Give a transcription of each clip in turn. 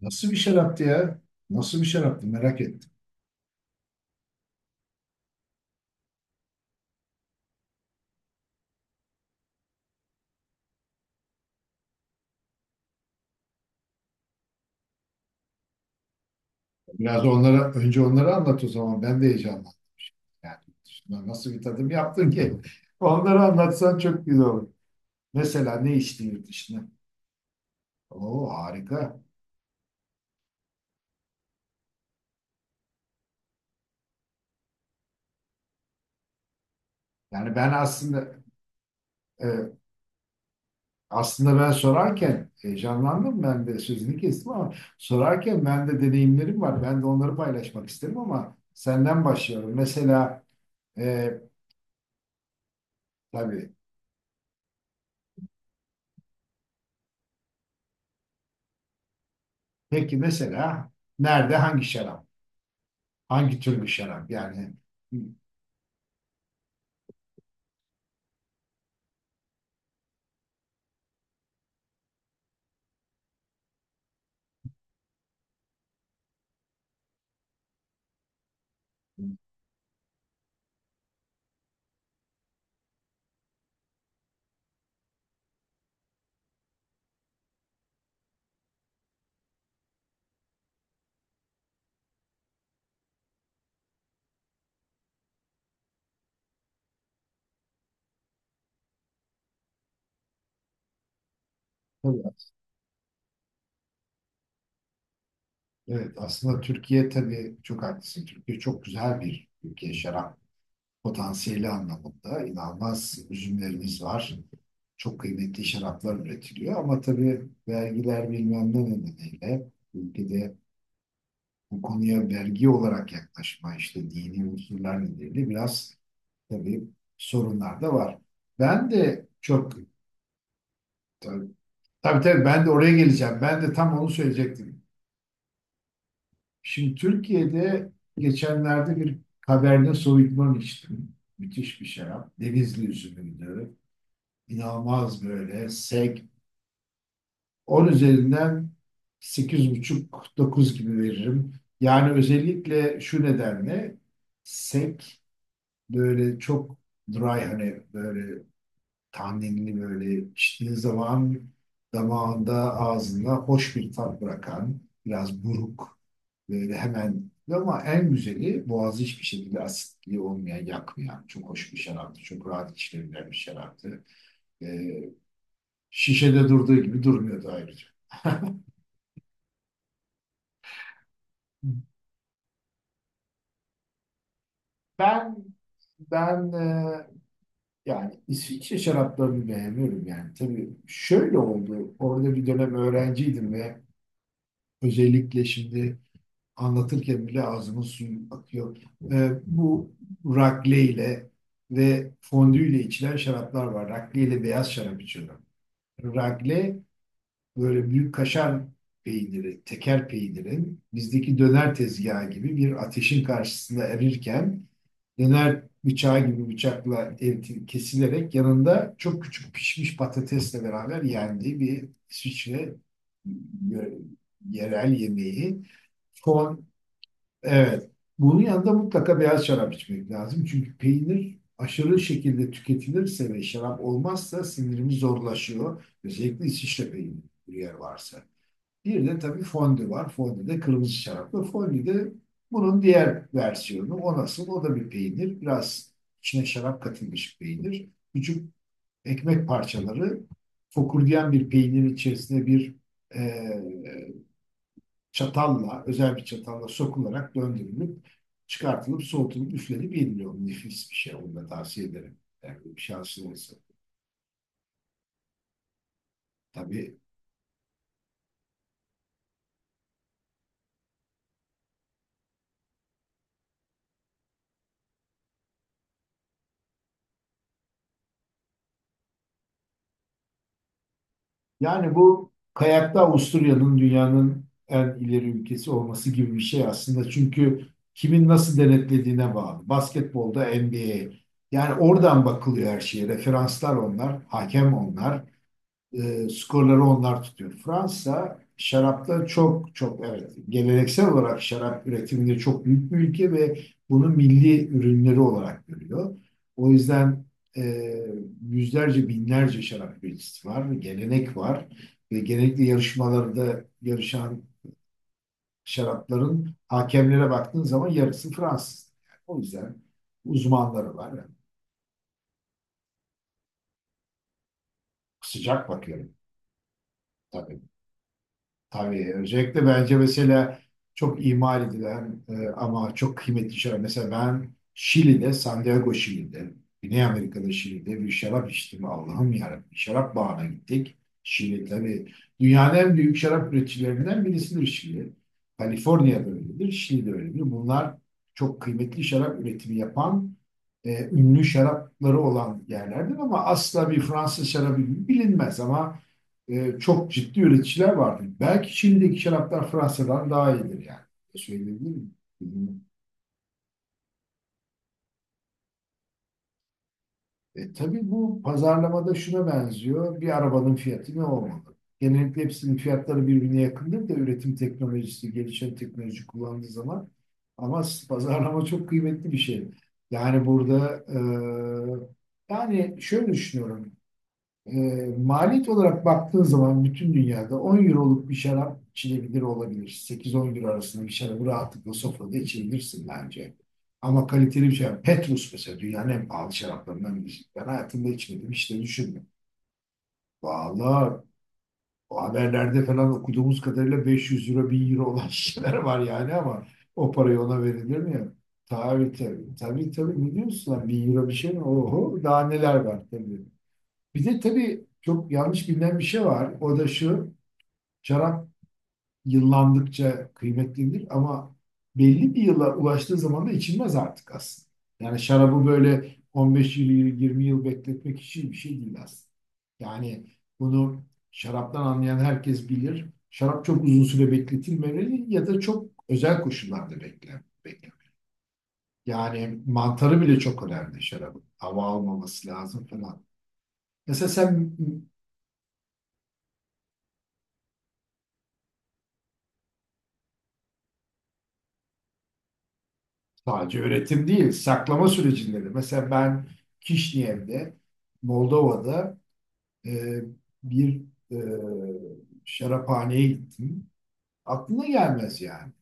Nasıl bir şaraptı ya? Nasıl bir şaraptı merak ettim. Biraz da onlara önce onları anlat o zaman ben de heyecanlandım. Yani şuna nasıl bir tadım yaptın ki? Onları anlatsan çok güzel olur. Mesela ne içtin yurt dışına? Oo harika. Yani ben aslında e, aslında ben sorarken heyecanlandım ben de sözünü kestim ama sorarken ben de deneyimlerim var. Ben de onları paylaşmak isterim ama senden başlıyorum. Mesela e, tabii, peki mesela nerede hangi şarap? Hangi tür bir şarap? Yani hı, hı, tabii. Evet aslında Türkiye, tabii çok haklısın. Türkiye çok güzel bir ülke şarap potansiyeli anlamında. İnanılmaz üzümlerimiz var. Çok kıymetli şaraplar üretiliyor ama tabii vergiler bilmem ne nedeniyle ülkede bu konuya vergi olarak yaklaşma, işte dini unsurlar nedeniyle biraz tabii sorunlar da var. Ben de çok tabii tabii, tabii ben de oraya geleceğim. Ben de tam onu söyleyecektim. Şimdi Türkiye'de geçenlerde bir Cabernet Sauvignon içtim. Müthiş bir şarap. Denizli üzümüydü. İnanılmaz böyle sek. On üzerinden sekiz buçuk dokuz gibi veririm. Yani özellikle şu nedenle sek, böyle çok dry, hani böyle tahinli, böyle içtiğin zaman damağında ağzında hoş bir tat bırakan, biraz buruk böyle, hemen ama en güzeli boğazı hiçbir şekilde asitliği olmayan, yakmayan çok hoş bir şaraptı. Çok rahat içilebilen bir şaraptı. Ee, Şişede durduğu gibi durmuyordu ayrıca. Ben ben yani İsviçre şaraplarını beğeniyorum yani. Tabii şöyle oldu. Orada bir dönem öğrenciydim ve özellikle şimdi anlatırken bile ağzımın suyu akıyor. Bu rakle ile ve fondü ile içilen şaraplar var. Rakle ile beyaz şarap içiyorlar. Rakle böyle büyük kaşar peyniri, teker peynirin bizdeki döner tezgahı gibi bir ateşin karşısında erirken döner bıçağı gibi bıçakla kesilerek yanında çok küçük pişmiş patatesle beraber yendiği bir İsviçre e, yerel yemeği. Fon Evet. Bunun yanında mutlaka beyaz şarap içmek lazım. Çünkü peynir aşırı şekilde tüketilirse ve şarap olmazsa sindirimi zorlaşıyor. Özellikle İsviçre peyniri bir yer varsa. Bir de tabii fondü var. Fondü de kırmızı şaraplı. Fondü de bunun diğer versiyonu. O nasıl? O da bir peynir. Biraz içine şarap katılmış peynir. Küçük ekmek parçaları fokurdayan bir peynirin içerisine bir çatalla, özel bir çatalla sokularak döndürülüp çıkartılıp soğutulup üflenip yeniliyor. Nefis bir şey. Onu da tavsiye ederim. Yani bir şansınız. Tabii. Yani bu kayakta Avusturya'nın dünyanın en ileri ülkesi olması gibi bir şey aslında. Çünkü kimin nasıl denetlediğine bağlı. Basketbolda NBA. Yani oradan bakılıyor her şeye. Referanslar onlar, hakem onlar. Skorları onlar tutuyor. Fransa şarapta çok çok, evet, geleneksel olarak şarap üretiminde çok büyük bir ülke ve bunu milli ürünleri olarak görüyor. O yüzden e, yüzlerce binlerce şarap üreticisi var, gelenek var ve genellikle yarışmalarda yarışan şarapların hakemlere baktığın zaman yarısı Fransız. Yani o yüzden uzmanları var. Yani sıcak bakıyorum, tabii. Tabii. Özellikle bence mesela çok imal edilen ama çok kıymetli şeyler. Mesela ben Şili'de, Santiago Şili'de, Güney Amerika'da Şili'de bir şarap içtim. Allah'ım yarabbim. Şarap bağına gittik. Şili, tabii dünyanın en büyük şarap üreticilerinden birisidir Şili. Kaliforniya'da öyledir, Şili'de öyledir. Bunlar çok kıymetli şarap üretimi yapan, ünlü şarapları olan yerlerdir ama asla bir Fransız şarabı gibi bilinmez ama çok ciddi üreticiler vardır. Belki Çin'deki şaraplar Fransa'dan daha iyidir yani. Söyleyebilir miyim? Bilmiyorum. Tabii bu pazarlamada şuna benziyor. Bir arabanın fiyatı ne olmalı? Genellikle hepsinin fiyatları birbirine yakındır da, üretim teknolojisi, gelişen teknoloji kullandığı zaman. Ama pazarlama çok kıymetli bir şey. Yani burada yani şöyle düşünüyorum. E, Maliyet olarak baktığın zaman bütün dünyada 10 euroluk bir şarap içilebilir olabilir. 8-10 euro arasında bir şarabı rahatlıkla sofrada içebilirsin bence. Ama kaliteli bir şarap. Petrus mesela dünyanın en pahalı şaraplarından birisi. Ben hayatımda içmedim, hiç de düşünmedim. Valla o haberlerde falan okuduğumuz kadarıyla 500 euro, 1000 euro olan şeyler var yani ama o parayı ona verilir mi ya? Tabii tabii. Tabii tabii. Ne diyorsun lan? 1000 euro bir şey mi? Oho, daha neler var tabii. Bir de tabii çok yanlış bilinen bir şey var. O da şu, şarap yıllandıkça kıymetlidir ama belli bir yıla ulaştığı zaman da içilmez artık aslında. Yani şarabı böyle 15 yıl, 20 yıl bekletmek için bir şey değil aslında. Yani bunu şaraptan anlayan herkes bilir. Şarap çok uzun süre bekletilmemeli ya da çok özel koşullarda beklen, beklen. Yani mantarı bile çok önemli şarabın. Hava almaması lazım falan. Mesela sen. Sadece üretim değil, saklama sürecinde de. Mesela ben Kişinev'de, Moldova'da e, bir e, şaraphaneye gittim. Aklına gelmez yani.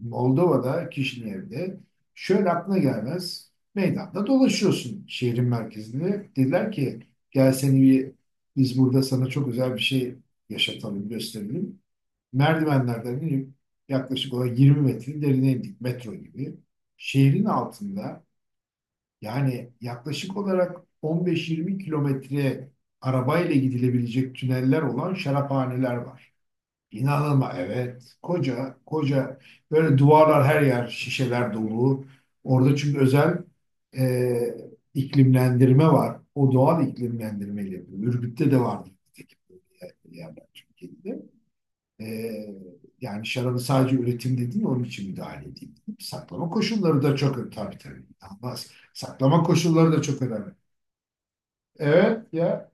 Moldova'da, Kişinev'de şöyle aklına gelmez. Meydanda dolaşıyorsun şehrin merkezinde. Dediler ki gel seni bir, biz burada sana çok özel bir şey yaşatalım, gösterelim. Merdivenlerden inip yaklaşık olarak 20 metre derine indik, metro gibi. Şehrin altında yani yaklaşık olarak 15-20 kilometre arabayla gidilebilecek tüneller olan şaraphaneler var. Evet. Koca koca böyle duvarlar, her yer şişeler dolu. Orada çünkü özel e, iklimlendirme var. O doğal iklimlendirmeyle yapıyor. Ürgüp'te de vardı. Yani Türkiye'de. E, Yani şarabı sadece üretimde değil, onun için müdahale edeyim, saklama koşulları da çok, tabii tabii. İnanılmaz. Saklama koşulları da çok önemli. Evet ya.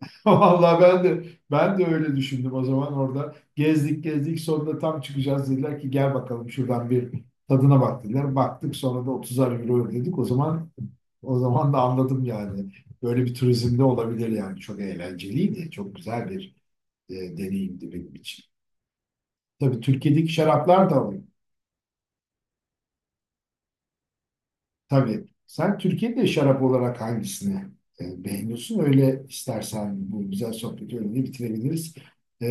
Vallahi ben de öyle düşündüm o zaman orada. Gezdik gezdik, sonunda tam çıkacağız dediler ki gel bakalım şuradan bir tadına bak dediler. Baktık, sonra da 30'ar euro ödedik. O zaman da anladım yani. Böyle bir turizmde olabilir yani. Çok eğlenceliydi. Çok güzel bir deneyimdi benim için. Tabii Türkiye'deki şaraplar da var. Tabii. Sen Türkiye'de şarap olarak hangisini beğeniyorsun? Öyle istersen bu güzel sohbeti öyle bitirebiliriz. E,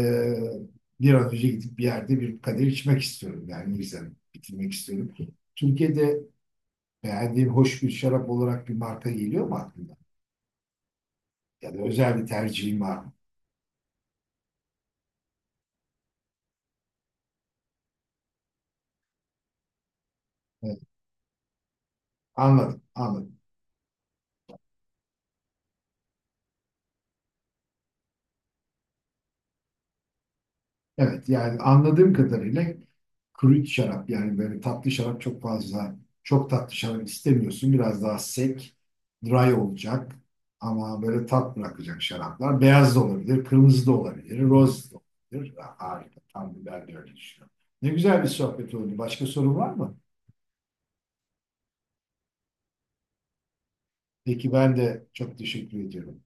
Bir an önce gidip bir yerde bir kadeh içmek istiyorum. Yani güzel bitirmek istiyorum. Türkiye'de beğendiğin hoş bir şarap olarak bir marka geliyor mu aklına? Ya da özel bir tercihin var mı? Evet, anladım, anladım. Evet, yani anladığım kadarıyla kuru şarap yani böyle tatlı şarap çok fazla, çok tatlı şarap istemiyorsun. Biraz daha sek, dry olacak ama böyle tat bırakacak şaraplar. Beyaz da olabilir, kırmızı da olabilir, roz da olabilir. Harika. Tam bir, ben de öyle düşünüyorum. Ne güzel bir sohbet oldu. Başka sorun var mı? Peki, ben de çok teşekkür ediyorum.